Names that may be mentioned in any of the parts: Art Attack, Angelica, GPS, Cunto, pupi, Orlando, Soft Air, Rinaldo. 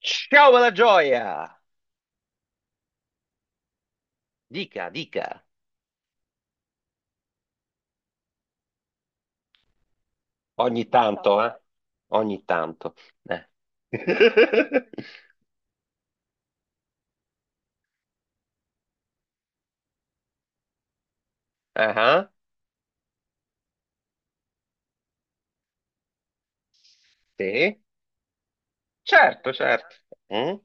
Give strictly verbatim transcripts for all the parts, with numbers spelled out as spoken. Ciao, bella gioia! Dica, dica. Ogni tanto, ciao. Eh? Ogni tanto. Eh. Ah, sì? Certo, certo. Mm?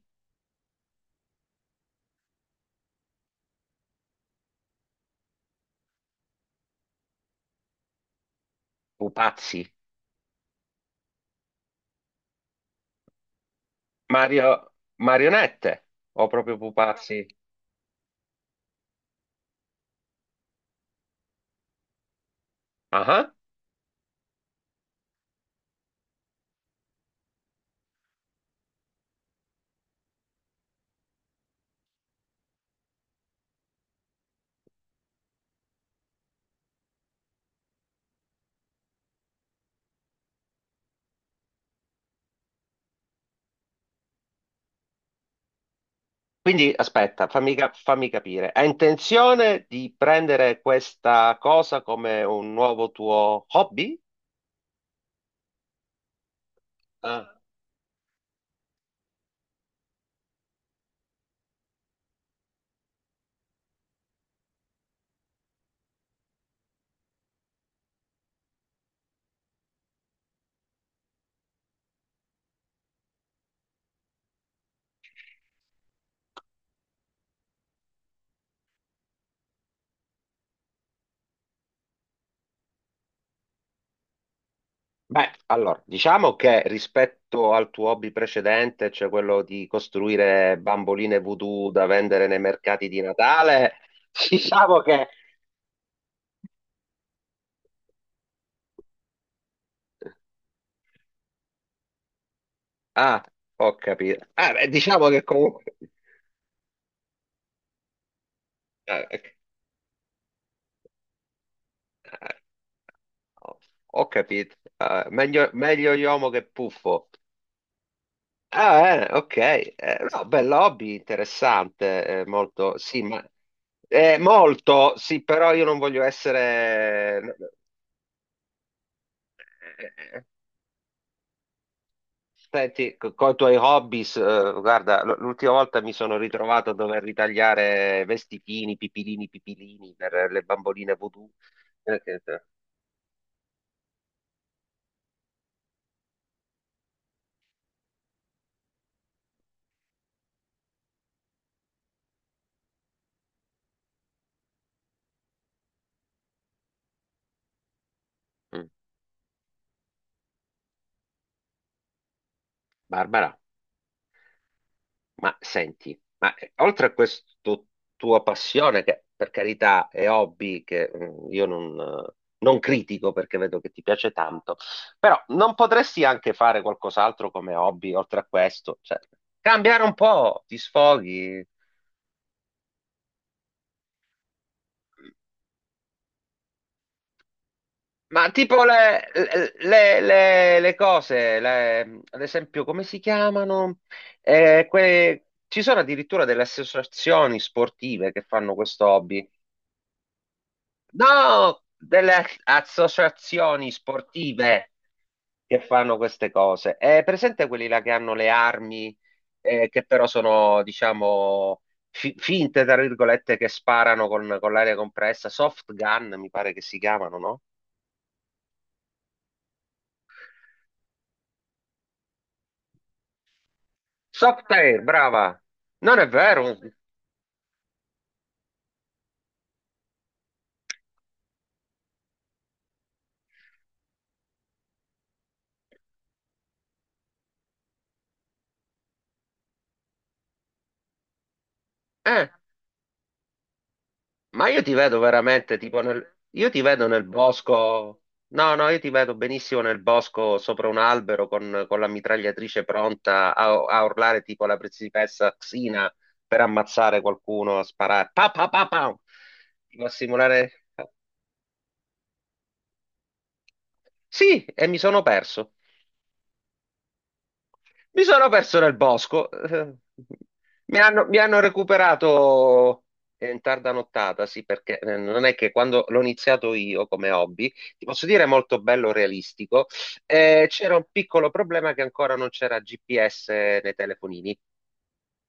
Pupazzi. Mario... Marionette. O proprio pupazzi. Ah, ah. Quindi, aspetta, fammi, ca- fammi capire. Hai intenzione di prendere questa cosa come un nuovo tuo hobby? Ah. Beh, allora, diciamo che rispetto al tuo hobby precedente, cioè quello di costruire bamboline voodoo da vendere nei mercati di Natale, diciamo che... Ah, ho capito. Ah, beh, diciamo che comunque... Ah, eh, ah, Ho ho capito. Ah, meglio, meglio Iomo che Puffo. Ah, bene, ok. Eh, no, bello hobby, interessante, eh, molto, sì, ma... Eh, molto, sì, però io non voglio essere... eh, eh, Senti, con i tuoi hobbies, eh, guarda, l- l'ultima volta mi sono ritrovato a dover ritagliare vestitini, pipilini, pipilini per le bamboline voodoo. Eh, che- eh. Mm. Barbara, ma senti, ma eh, oltre a questa tua passione, che per carità è hobby, che mm, io non, eh, non critico perché vedo che ti piace tanto, però non potresti anche fare qualcos'altro come hobby oltre a questo? Cioè, cambiare un po', ti sfoghi. Ma tipo le, le- le- le cose, le- ad esempio, come si chiamano? Eh, que- ci sono addirittura delle associazioni sportive che fanno questo hobby. No, delle associazioni sportive che fanno queste cose. È presente quelli là che hanno le armi, eh, che però sono, diciamo, fi- finte, tra virgolette, che sparano con, con l'aria compressa, soft gun, mi pare che si chiamano, no? Soft Air, brava. Non è vero. Eh, ma io ti vedo veramente tipo nel... Io ti vedo nel bosco. No, no, io ti vedo benissimo nel bosco sopra un albero con, con la mitragliatrice pronta a, a urlare tipo la principessa Xina per ammazzare qualcuno, a sparare. Pa, pa, pa, pa. Tipo a simulare... Sì, e mi sono perso. Mi sono perso nel bosco. Eh, Mi hanno, mi hanno recuperato in tarda nottata, sì, perché eh, non è che quando l'ho iniziato io come hobby, ti posso dire molto bello realistico, eh, c'era un piccolo problema che ancora non c'era G P S nei telefonini.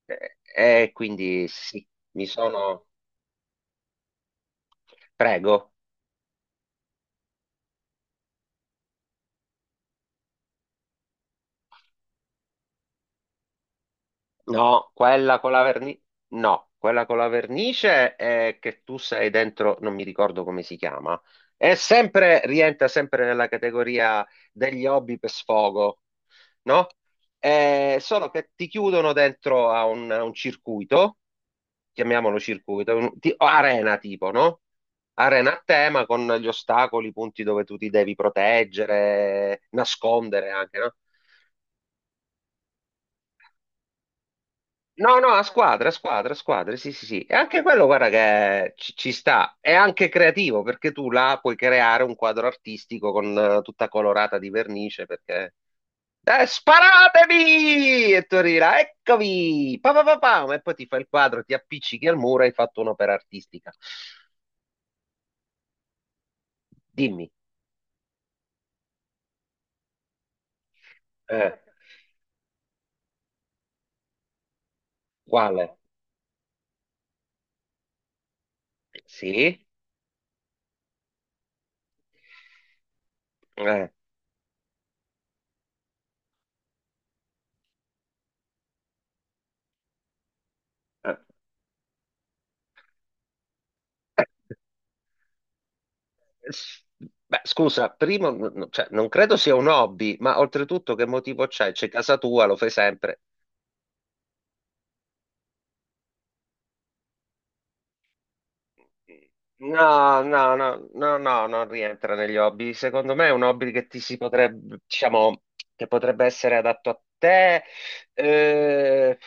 Eh, e quindi sì, mi sono... Prego. No, quella con la vernice, no, quella con la vernice è che tu sei dentro, non mi ricordo come si chiama, è sempre, rientra sempre nella categoria degli hobby per sfogo, no? Eh, solo che ti chiudono dentro a un, a un circuito, chiamiamolo circuito, un- ti- arena tipo, no? Arena a tema con gli ostacoli, i punti dove tu ti devi proteggere, nascondere anche, no? No, no, a squadre, a squadre, a squadre, sì, sì, sì. E anche quello, guarda, che ci, ci sta. È anche creativo, perché tu là puoi creare un quadro artistico con eh, tutta colorata di vernice, perché... Eh, sparatemi! E tu arrivi là, eccomi! Pa, pa, pa, pam! E poi ti fai il quadro, ti appiccichi al muro e hai fatto un'opera artistica. Dimmi, eh, quale? Sì? Eh, eh. S- Beh, scusa, primo, n- n- cioè, non credo sia un hobby, ma oltretutto che motivo c'è? C'è casa tua, lo fai sempre. No, no, no, no, no, non rientra negli hobby. Secondo me è un hobby che ti si potrebbe, diciamo, che potrebbe essere adatto a te, eh,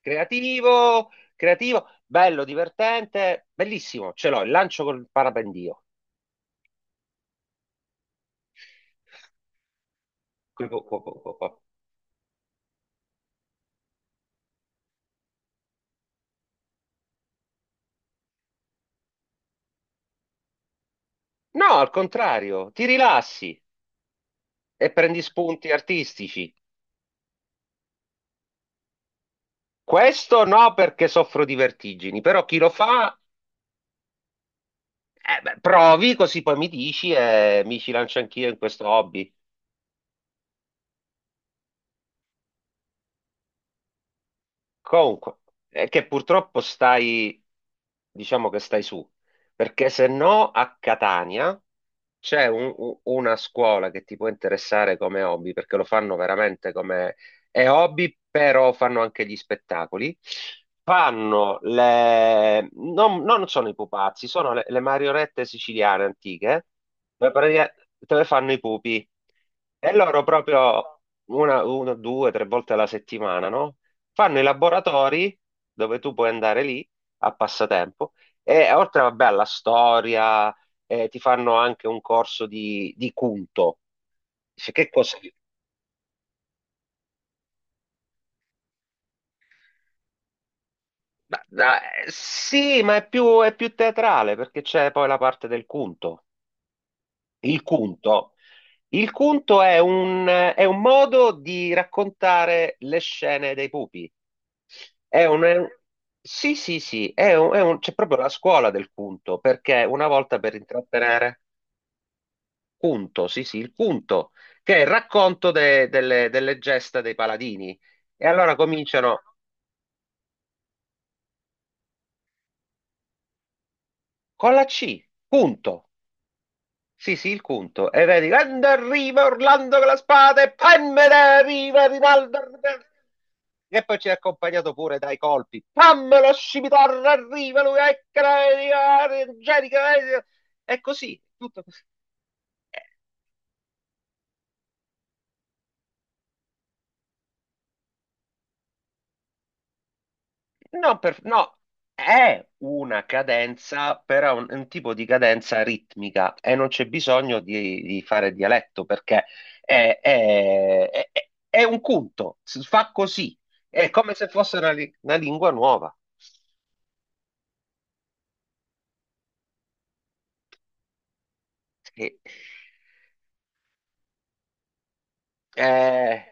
creativo, creativo, bello, divertente, bellissimo. Ce l'ho, il lancio col parapendio. Qui, qua, qua, qua, qua. No, al contrario, ti rilassi e prendi spunti artistici. Questo no perché soffro di vertigini, però chi lo fa, eh, beh, provi così poi mi dici e mi ci lancio anch'io in questo hobby. Comunque, è che purtroppo stai, diciamo che stai su, perché se no a Catania c'è un- u- una scuola che ti può interessare come hobby, perché lo fanno veramente come è hobby, però fanno anche gli spettacoli. Fanno le... Non, non sono i pupazzi, sono le, le marionette siciliane antiche, dove, pratica- dove fanno i pupi. E loro proprio una, una, due, tre volte alla settimana, no? Fanno i laboratori dove tu puoi andare lì a passatempo e oltre, vabbè, alla storia, eh, ti fanno anche un corso di, di Cunto. Dice, che cosa? Ma- ma- eh, sì, ma è più, è più teatrale perché c'è poi la parte del Cunto. Il Cunto. Il Cunto è un, è un modo di raccontare le scene dei pupi. È un, è un- sì, sì, sì, è un- è un- c'è proprio la scuola del Cunto perché una volta per intrattenere. Punto, sì, sì, il punto, che è il racconto de- delle, delle gesta dei paladini. E allora cominciano con la C, punto. Sì, sì, il punto. E vedi, quando arriva Orlando con la spada e pammela arriva Rinaldo. E poi ci è accompagnato pure dai colpi. Pammela scimitarra arriva lui, eccola, arriva, Angelica. Eh, e così, tutto così. No, per- no, è una cadenza, però è un, è un tipo di cadenza ritmica e non c'è bisogno di, di fare dialetto perché è, è- è- è un punto, si fa così, è come se fosse una, li- una lingua nuova. Sì. Eh,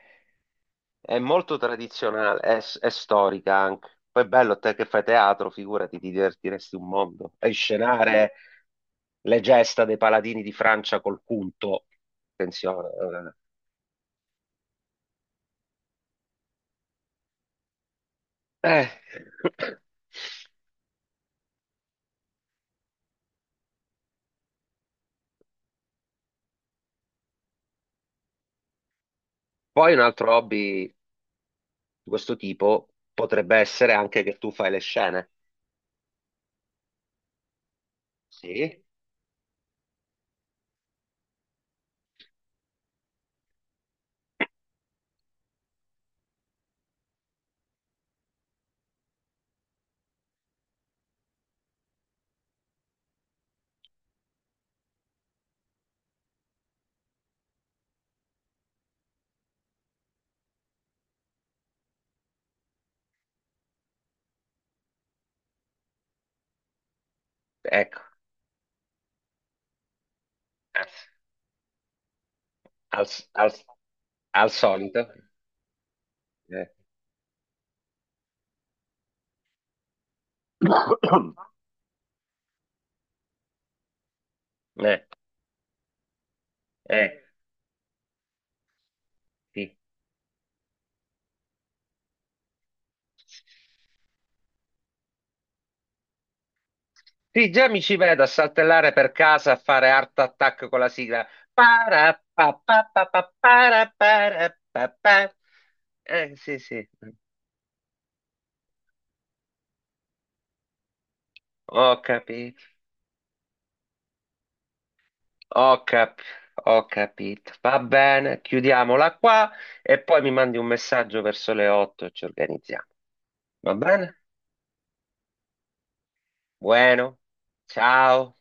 è molto tradizionale, è, è storica anche. Poi è bello, te che fai teatro, figurati, ti divertiresti un mondo. E scenare le gesta dei paladini di Francia col punto. Attenzione. Eh. Eh. Poi un altro hobby di questo tipo potrebbe essere anche che tu fai le scene. Sì, ecco, eh, al, al- al solito. Eh. Eh, eh, sì. Sì, già mi ci vedo a saltellare per casa a fare Art Attack con la sigla. Para, pa, pa, pa, pa, para, para, pa, pa. Eh, sì, sì, ho capito, ho cap- ho capito. Va bene, chiudiamola qua e poi mi mandi un messaggio verso le otto e ci organizziamo. Va bene? Bueno, ciao.